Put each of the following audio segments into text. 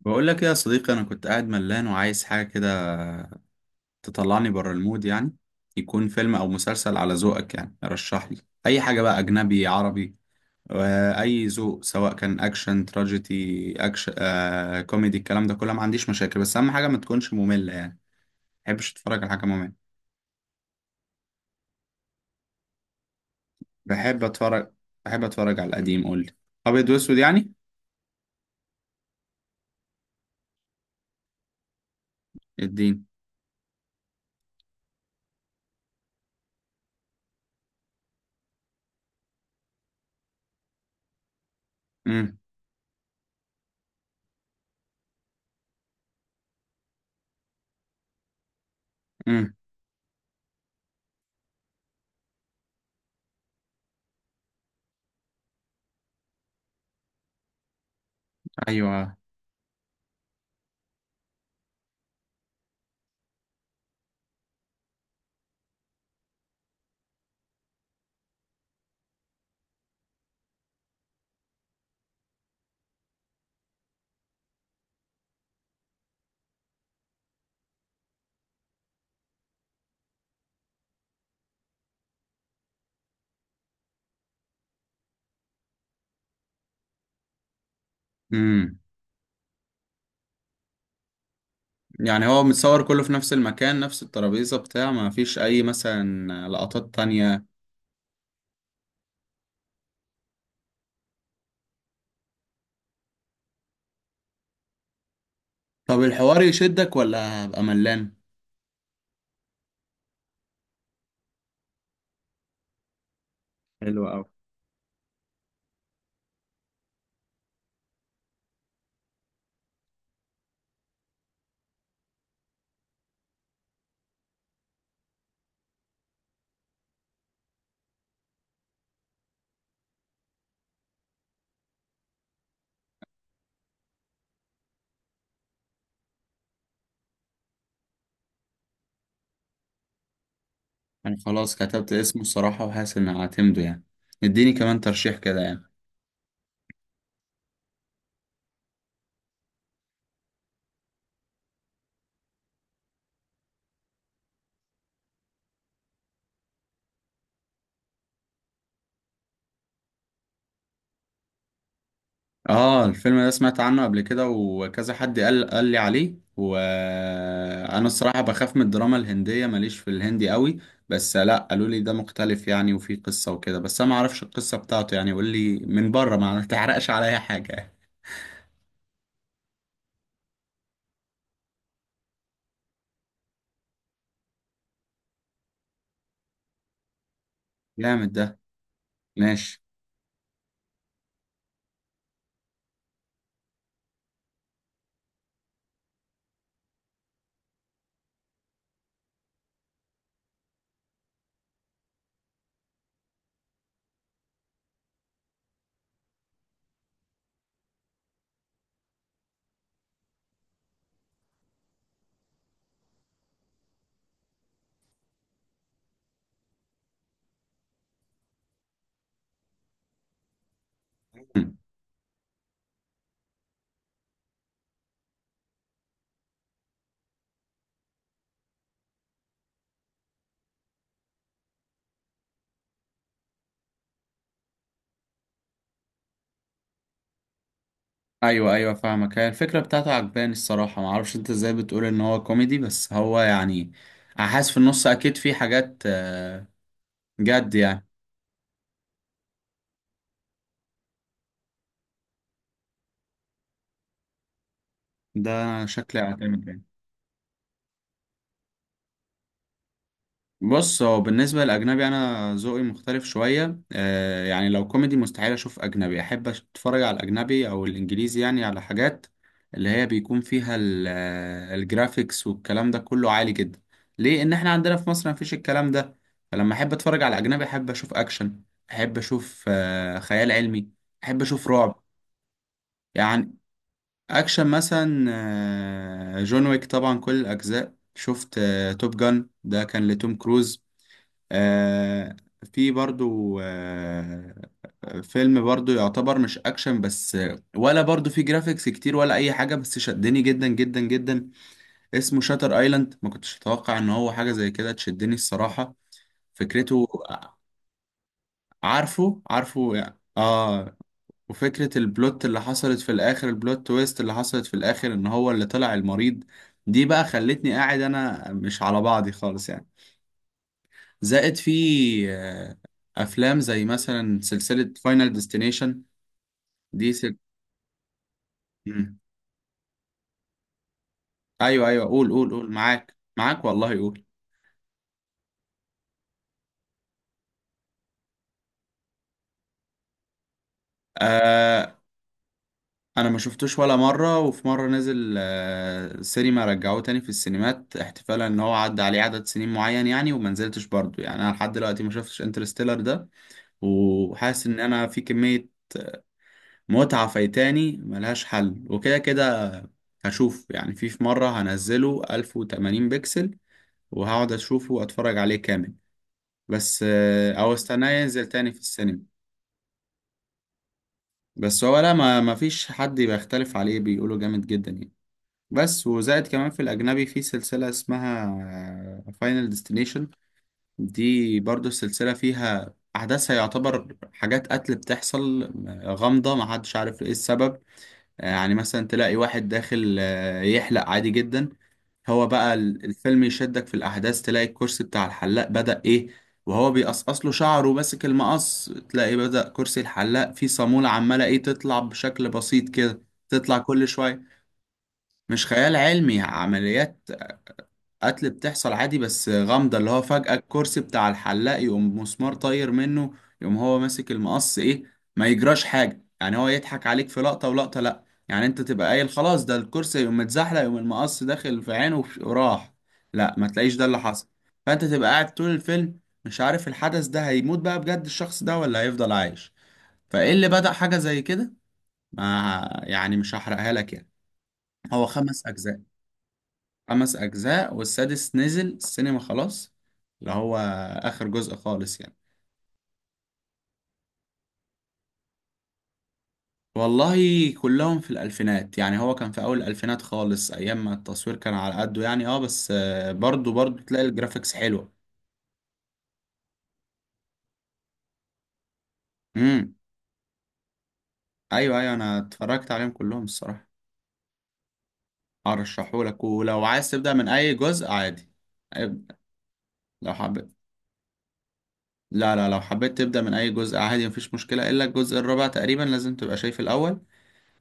بقول لك إيه يا صديقي، انا كنت قاعد ملان وعايز حاجه كده تطلعني بره المود يعني. يكون فيلم او مسلسل على ذوقك، يعني رشح لي اي حاجه بقى، اجنبي عربي واي ذوق، سواء كان اكشن تراجيدي اكشن، كوميدي، الكلام ده كله ما عنديش مشاكل، بس اهم حاجه ما تكونش ممله يعني. ما بحبش اتفرج على حاجه ممله. بحب اتفرج، بحب اتفرج على القديم، قول لي. ابيض واسود يعني. الدين. امم. امم. ايوه. يعني هو متصور كله في نفس المكان، نفس الترابيزة بتاع، ما فيش أي مثلا لقطات تانية؟ طب الحوار يشدك ولا هبقى ملان؟ حلو أوي. أنا خلاص كتبت اسمه الصراحة، وحاسس إن هعتمده يعني. اديني كمان ترشيح كده يعني. آه الفيلم ده سمعت عنه قبل كده، وكذا حد قال لي عليه، وأنا الصراحة بخاف من الدراما الهندية، ماليش في الهندي قوي. بس لأ، قالوا لي ده مختلف يعني، وفيه قصة وكده، بس أنا معرفش القصة بتاعته يعني، قول لي من بره ما تحرقش عليا حاجة. جامد ده. ماشي. ايوه ايوه فاهمك، هي الفكره بتاعته عجباني الصراحه، ما اعرفش انت ازاي بتقول ان هو كوميدي، بس هو يعني حاسس في النص اكيد في حاجات، جد يعني. ده شكلي اعتمد. بص هو بالنسبة للأجنبي أنا ذوقي مختلف شوية، آه يعني لو كوميدي مستحيل أشوف أجنبي. أحب أتفرج على الأجنبي أو الإنجليزي يعني على حاجات اللي هي بيكون فيها الجرافيكس والكلام ده كله عالي جدا. ليه؟ إحنا عندنا في مصر مفيش الكلام ده. فلما أحب أتفرج على أجنبي أحب أشوف أكشن، أحب أشوف آه خيال علمي، أحب أشوف رعب. يعني أكشن مثلا، آه جون ويك طبعا كل الأجزاء شفت، آه توب جان ده كان لتوم كروز. آه. في برضو آه فيلم برضو يعتبر مش اكشن بس، ولا برضو في جرافيكس كتير ولا اي حاجة، بس شدني جدا جدا جدا. اسمه شاتر ايلاند، ما كنتش اتوقع ان هو حاجة زي كده تشدني الصراحة. فكرته. عارفه يعني اه. وفكرة البلوت اللي حصلت في الاخر، البلوت تويست اللي حصلت في الاخر، ان هو اللي طلع المريض، دي بقى خلتني قاعد انا مش على بعضي خالص يعني. زائد في آه، افلام زي مثلا سلسلة فاينل ديستنيشن، دي سل... مم. ايوه ايوه قول قول قول، معاك معاك والله قول. آه انا ما شفتوش ولا مرة، وفي مرة نزل آه سينما، رجعوه تاني في السينمات احتفالا ان هو عدى عليه عدد سنين معين يعني، وما نزلتش برضه يعني، انا لحد دلوقتي ما شفتش انترستيلر ده، وحاسس ان انا في كمية متعة فايتاني ملهاش حل، وكده كده هشوف يعني في مرة هنزله 1080 بكسل وهقعد اشوفه واتفرج عليه كامل، بس آه، او استناه ينزل تاني في السينما. بس هو لا، ما فيش حد بيختلف عليه، بيقولوا جامد جدا يعني. بس وزائد كمان في الاجنبي في سلسلة اسمها فاينل ديستنيشن، دي برضو السلسلة فيها احداثها يعتبر حاجات قتل بتحصل، غامضة ما حدش عارف ايه السبب. يعني مثلا تلاقي واحد داخل آه، يحلق عادي جدا. هو بقى الفيلم يشدك في الأحداث، تلاقي الكرسي بتاع الحلاق بدأ إيه، وهو بيقصقص له شعره وماسك المقص، تلاقي بدأ كرسي الحلاق فيه صامولة عمالة إيه، تطلع بشكل بسيط كده، تطلع كل شوية. مش خيال علمي، عمليات قتل بتحصل عادي بس غامضة، اللي هو فجأة الكرسي بتاع الحلاق يقوم مسمار طاير منه، يقوم هو ماسك المقص ايه ما يجراش حاجة يعني، هو يضحك عليك في لقطة ولقطة لأ. يعني انت تبقى قايل خلاص ده الكرسي يقوم متزحلق، يقوم المقص داخل في عينه وراح. لأ، ما تلاقيش ده اللي حصل. فانت تبقى قاعد طول الفيلم مش عارف الحدث ده هيموت بقى بجد الشخص ده ولا هيفضل عايش؟ فايه اللي بدأ حاجة زي كده؟ ما يعني مش هحرقها لك يعني. هو خمس أجزاء. خمس أجزاء، والسادس نزل السينما خلاص، اللي هو آخر جزء خالص يعني. والله كلهم في الألفينات يعني، هو كان في أول الألفينات خالص، أيام ما التصوير كان على قده يعني، اه بس آه، برضو تلاقي الجرافيكس حلوة. امم. أيوه أيوه، أنا اتفرجت عليهم كلهم الصراحة. أرشحهولك، ولو عايز تبدأ من أي جزء عادي. عيب. لو حبيت، لا لو حبيت تبدأ من أي جزء عادي مفيش مشكلة، إلا الجزء الرابع تقريبا لازم تبقى شايف الأول.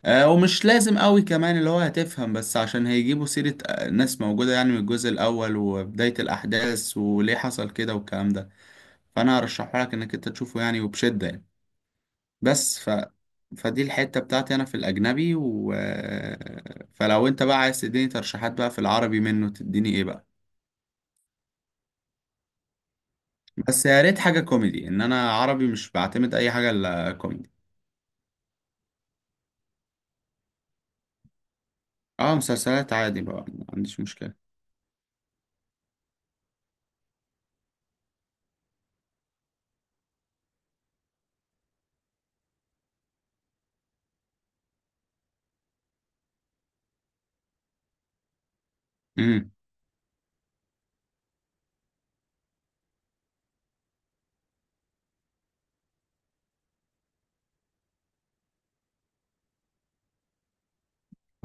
ومش لازم قوي كمان، اللي هو هتفهم، بس عشان هيجيبوا سيرة آه، ناس موجودة يعني من الجزء الأول وبداية الأحداث وليه حصل كده والكلام ده. فأنا هرشحه لك إنك أنت تشوفه يعني، وبشدة يعني. بس ف... فدي الحتة بتاعتي أنا في الأجنبي و... آه، فلو أنت بقى عايز تديني ترشيحات بقى في العربي منه، تديني إيه بقى؟ بس يا ريت حاجة كوميدي، إن أنا عربي مش بعتمد أي حاجة إلا كوميدي. أه مسلسلات عادي بقى ما عنديش مشكلة. امم.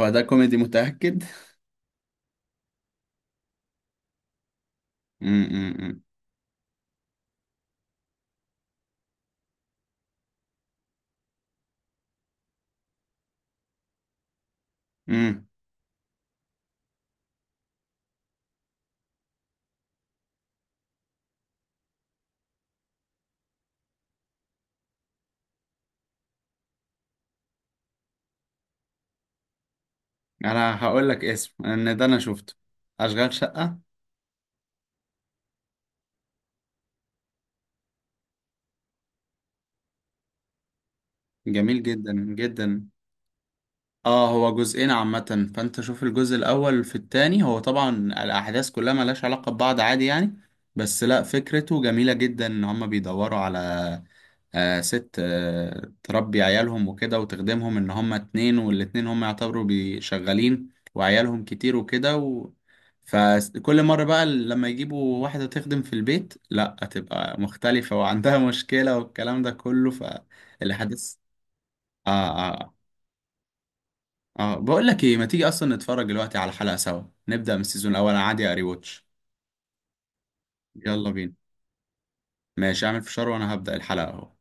هو ده كوميدي متأكد؟ امم. امم. انا هقول لك اسم ان ده انا شفته. اشغال شقة. جميل جدا جدا. اه هو جزئين عامة، فانت شوف الجزء الاول في التاني، هو طبعا الاحداث كلها ملهاش علاقة ببعض عادي يعني. بس لا، فكرته جميلة جدا، ان هما بيدوروا على ست تربي عيالهم وكده وتخدمهم، ان هما اتنين والاتنين هما يعتبروا شغالين، وعيالهم كتير وكده فكل مرة بقى لما يجيبوا واحدة تخدم في البيت لا هتبقى مختلفة وعندها مشكلة والكلام ده كله فالحدث. اه. اه. اه بقول لك ايه، ما تيجي اصلا نتفرج دلوقتي على الحلقة سوا، نبدأ من السيزون الاول، انا عادي اري واتش. يلا بينا. ماشي اعمل فشار وانا هبدأ الحلقة اهو.